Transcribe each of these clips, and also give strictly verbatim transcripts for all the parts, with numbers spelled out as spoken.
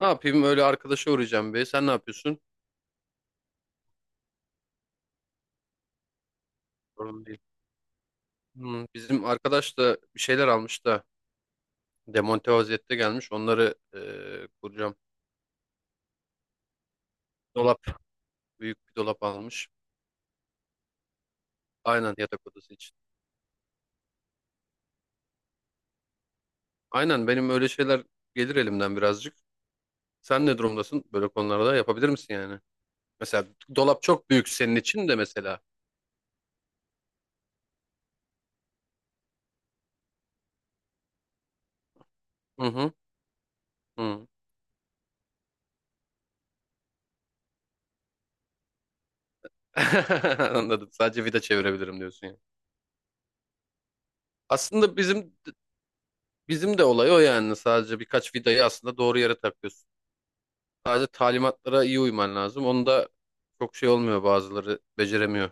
Ne yapayım öyle arkadaşa uğrayacağım be. Sen ne yapıyorsun? Sorun değil. Hmm, bizim arkadaş da bir şeyler almış da demonte vaziyette gelmiş. Onları eee, kuracağım. Dolap. Büyük bir dolap almış. Aynen yatak odası için. Aynen benim öyle şeyler gelir elimden birazcık. Sen ne durumdasın? Böyle konularda yapabilir misin yani? Mesela dolap çok büyük senin için de mesela. Hı hı. Hı. Anladım. Sadece vida çevirebilirim diyorsun yani. Aslında bizim bizim de olay o yani. Sadece birkaç vidayı aslında doğru yere takıyorsun. Sadece talimatlara iyi uyman lazım. Onu da çok şey olmuyor, bazıları beceremiyor.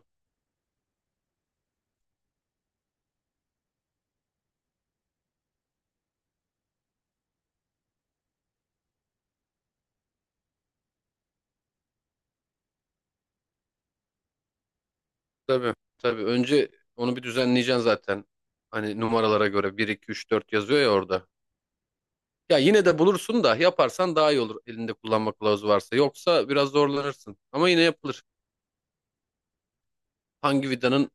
Tabii tabii, önce onu bir düzenleyeceksin zaten. Hani numaralara göre bir, iki, üç, dört yazıyor ya orada. Ya yine de bulursun da, yaparsan daha iyi olur elinde kullanma kılavuzu varsa. Yoksa biraz zorlanırsın. Ama yine yapılır. Hangi vidanın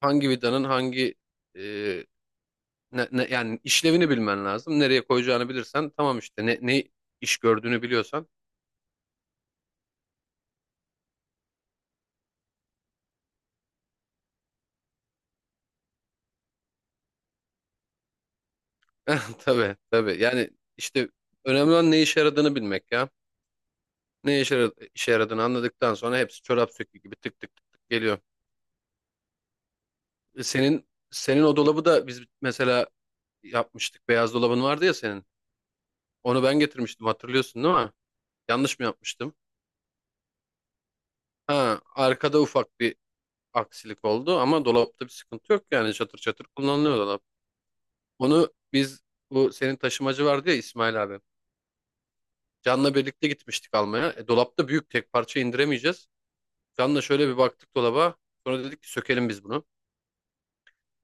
hangi vidanın hangi e, ne, ne- yani işlevini bilmen lazım. Nereye koyacağını bilirsen tamam, işte ne, ne iş gördüğünü biliyorsan. Tabii tabii yani işte, önemli olan ne işe yaradığını bilmek ya. Ne işe, yara- işe yaradığını anladıktan sonra hepsi çorap söküğü gibi tık tık tık tık geliyor. E, Senin senin o dolabı da biz mesela yapmıştık. Beyaz dolabın vardı ya senin. Onu ben getirmiştim, hatırlıyorsun değil mi? Yanlış mı yapmıştım? Ha, arkada ufak bir aksilik oldu ama dolapta bir sıkıntı yok yani, çatır çatır kullanılıyor dolap. Onu biz, bu senin taşımacı vardı ya, İsmail abi. Can'la birlikte gitmiştik almaya. E, dolapta büyük tek parça indiremeyeceğiz. Can'la şöyle bir baktık dolaba. Sonra dedik ki sökelim biz bunu.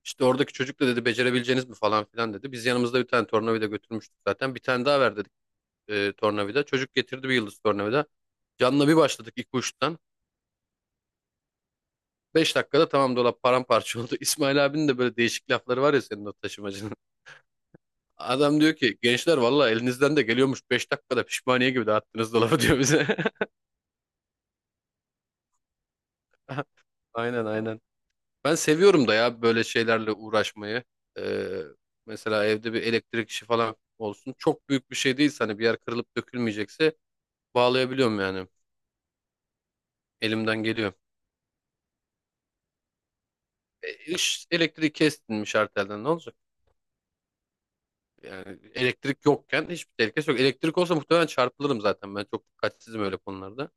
İşte oradaki çocuk da dedi becerebileceğiniz mi falan filan dedi. Biz yanımızda bir tane tornavida götürmüştük zaten. Bir tane daha ver dedik e, tornavida. Çocuk getirdi bir yıldız tornavida. Canla bir başladık ilk uçtan. Beş dakikada tamam, dolap paramparça oldu. İsmail abinin de böyle değişik lafları var ya, senin o taşımacının. Adam diyor ki gençler, valla elinizden de geliyormuş. Beş dakikada pişmaniye gibi dağıttınız dolabı diyor bize. Aynen aynen. Ben seviyorum da ya böyle şeylerle uğraşmayı. Ee, mesela evde bir elektrik işi falan olsun. Çok büyük bir şey değilse, hani bir yer kırılıp dökülmeyecekse bağlayabiliyorum yani. Elimden geliyor. E, iş- elektriği kestinmiş, arterden ne olacak? Yani elektrik yokken hiçbir tehlikesi yok. Elektrik olsa muhtemelen çarpılırım zaten. Ben çok dikkatsizim öyle konularda.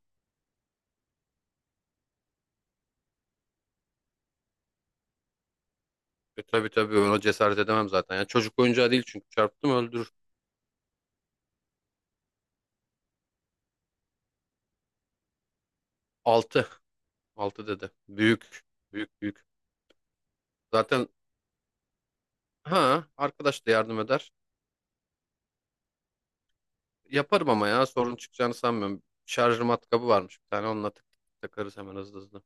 E, tabii tabii ben ona cesaret edemem zaten. Yani çocuk oyuncağı değil, çünkü çarptım öldürür. Altı, altı dedi. Büyük. Büyük büyük. Zaten ha, arkadaş da yardım eder. Yaparım ama ya, sorun çıkacağını sanmıyorum. Şarjör matkabı varmış bir tane, onunla tık tık takarız hemen, hızlı hızlı.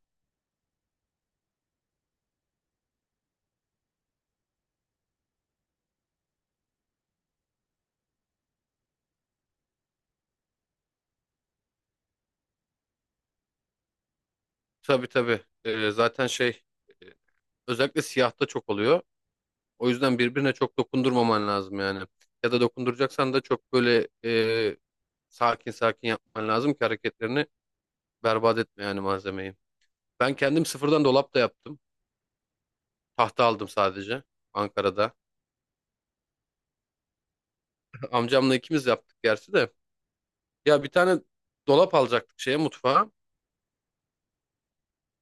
Tabii tabii. E, zaten şey e, Özellikle siyahta çok oluyor. O yüzden birbirine çok dokundurmaman lazım yani. Ya da dokunduracaksan da çok böyle e, sakin sakin yapman lazım ki hareketlerini berbat etme yani malzemeyi. Ben kendim sıfırdan dolap da yaptım. Tahta aldım sadece Ankara'da. Amcamla ikimiz yaptık gerçi de. Ya bir tane dolap alacaktık şeye, mutfağa.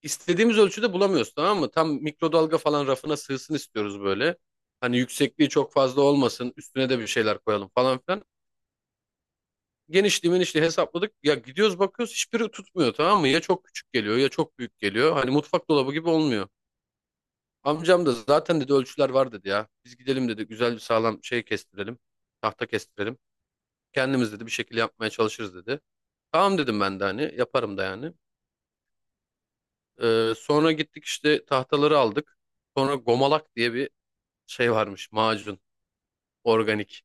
İstediğimiz ölçüde bulamıyoruz, tamam mı? Tam mikrodalga falan rafına sığsın istiyoruz böyle. Hani yüksekliği çok fazla olmasın, üstüne de bir şeyler koyalım falan filan. Genişliği menişliği hesapladık. Ya, gidiyoruz bakıyoruz hiçbiri tutmuyor, tamam mı? Ya çok küçük geliyor ya çok büyük geliyor. Hani mutfak dolabı gibi olmuyor. Amcam da zaten dedi, ölçüler var dedi ya. Biz gidelim dedi, güzel bir sağlam şey kestirelim. Tahta kestirelim. Kendimiz dedi bir şekilde yapmaya çalışırız dedi. Tamam dedim ben de, hani yaparım da yani. Ee, sonra gittik işte, tahtaları aldık. Sonra gomalak diye bir şey varmış, macun, organik.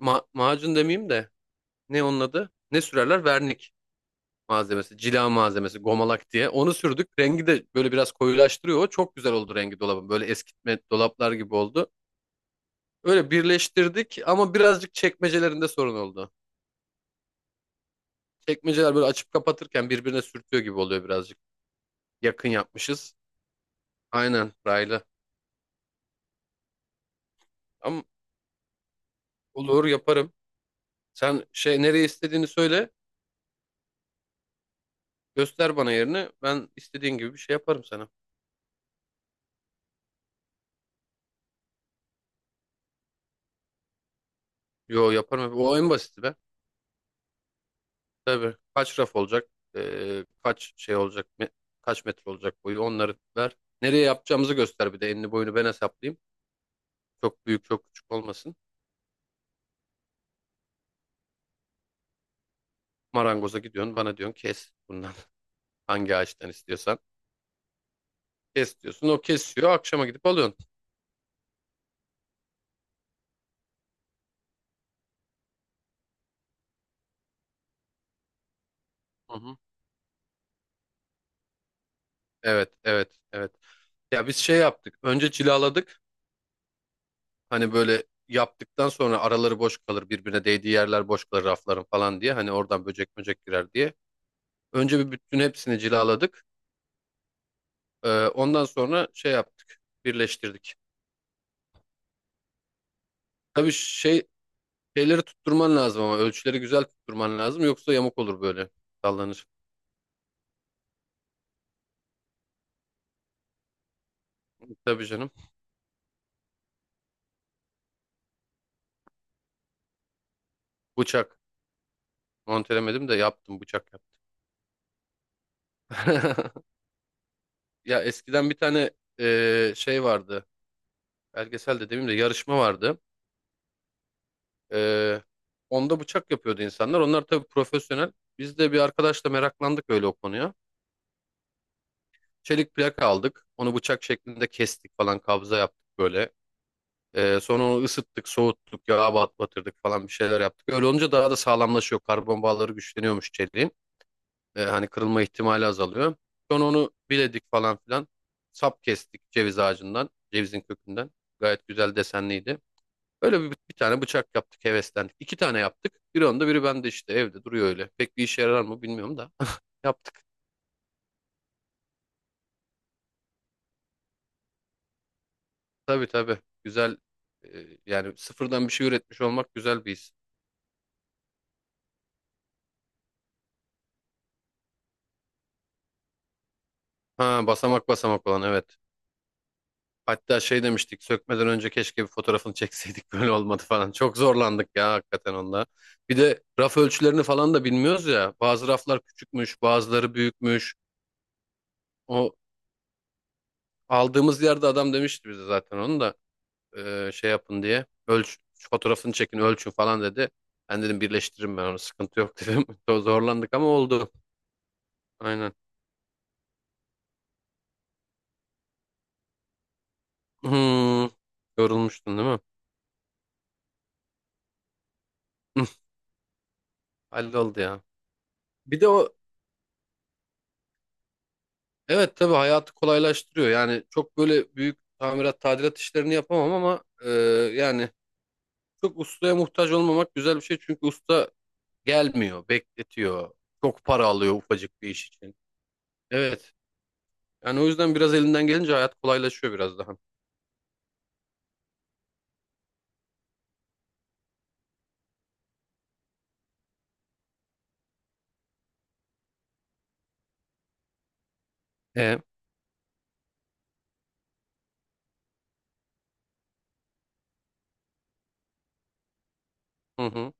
Ma- macun demeyeyim de, ne onun adı? Ne sürerler? Vernik malzemesi, cila malzemesi, gomalak diye. Onu sürdük. Rengi de böyle biraz koyulaştırıyor. O çok güzel oldu rengi dolabın. Böyle eskitme dolaplar gibi oldu. Öyle birleştirdik ama birazcık çekmecelerinde sorun oldu. Çekmeceler böyle açıp kapatırken birbirine sürtüyor gibi oluyor birazcık. Yakın yapmışız. Aynen, raylı. Ama olur, yaparım. Sen şey, nereye istediğini söyle. Göster bana yerini. Ben istediğin gibi bir şey yaparım sana. Yo, yaparım. O en basiti be. Tabii, kaç raf olacak, eee, kaç şey olacak, me- kaç metre olacak boyu, onları ver. Nereye yapacağımızı göster, bir de enini boyunu ben hesaplayayım. Çok büyük çok küçük olmasın. Marangoza gidiyorsun, bana diyorsun kes bundan, hangi ağaçtan istiyorsan. Kes diyorsun, o kesiyor, akşama gidip alıyorsun. Hı hı. Evet evet evet. Ya biz şey yaptık, önce cilaladık, hani böyle yaptıktan sonra araları boş kalır, birbirine değdiği yerler boş kalır rafların falan diye, hani oradan böcek böcek girer diye. Önce bir bütün hepsini cilaladık. Ee, ondan sonra şey yaptık, birleştirdik. Tabii şey şeyleri tutturman lazım ama ölçüleri güzel tutturman lazım, yoksa yamuk olur böyle, sallanır. Tabii canım. Bıçak, montelemedim de yaptım, bıçak yaptım. Ya eskiden bir tane e, şey vardı. Belgesel de demeyeyim de, yarışma vardı. E, onda bıçak yapıyordu insanlar. Onlar tabii profesyonel. Biz de bir arkadaşla meraklandık öyle o konuya. Çelik plaka aldık. Onu bıçak şeklinde kestik falan, kabza yaptık böyle. Ee, sonra onu ısıttık, soğuttuk, yağa bat- batırdık falan, bir şeyler yaptık. Öyle olunca daha da sağlamlaşıyor. Karbon bağları güçleniyormuş çeliğin. Ee, hani kırılma ihtimali azalıyor. Sonra onu biledik falan filan. Sap kestik ceviz ağacından, cevizin kökünden. Gayet güzel desenliydi. Öyle bir, bir tane bıçak yaptık, heveslendik. İki tane yaptık. Biri onda, biri bende işte evde duruyor öyle. Pek bir işe yarar mı bilmiyorum da. Yaptık. Tabii tabii. Güzel. e, yani sıfırdan bir şey üretmiş olmak güzel bir his. Ha, basamak basamak olan, evet. Hatta şey demiştik, sökmeden önce keşke bir fotoğrafını çekseydik böyle olmadı falan. Çok zorlandık ya hakikaten onda. Bir de raf ölçülerini falan da bilmiyoruz ya. Bazı raflar küçükmüş, bazıları büyükmüş. O aldığımız yerde adam demişti bize zaten onu da e, şey yapın diye. Ölç, fotoğrafını çekin, ölçün falan dedi. Ben dedim birleştiririm ben onu, sıkıntı yok dedim. Zorlandık ama oldu. Aynen. Hmm, yorulmuştun değil mi? Halloldu ya. Bir de o. Evet tabii, hayatı kolaylaştırıyor. Yani çok böyle büyük tamirat tadilat işlerini yapamam ama e, yani, çok ustaya muhtaç olmamak güzel bir şey. Çünkü usta gelmiyor, bekletiyor. Çok para alıyor ufacık bir iş için. Evet. Yani o yüzden biraz elinden gelince hayat kolaylaşıyor biraz daha. E? Hı hı.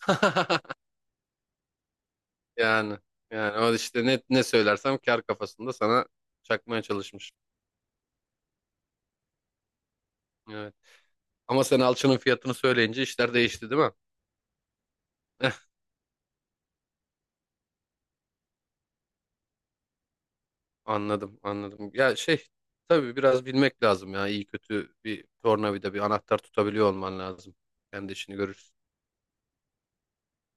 Yani yani o işte, ne ne söylersem kar kafasında sana çakmaya çalışmış. Evet. Ama sen alçının fiyatını söyleyince işler değişti değil mi? Anladım, anladım. Ya şey, tabii biraz bilmek lazım ya. İyi kötü bir tornavida, bir anahtar tutabiliyor olman lazım. Kendi işini görürsün.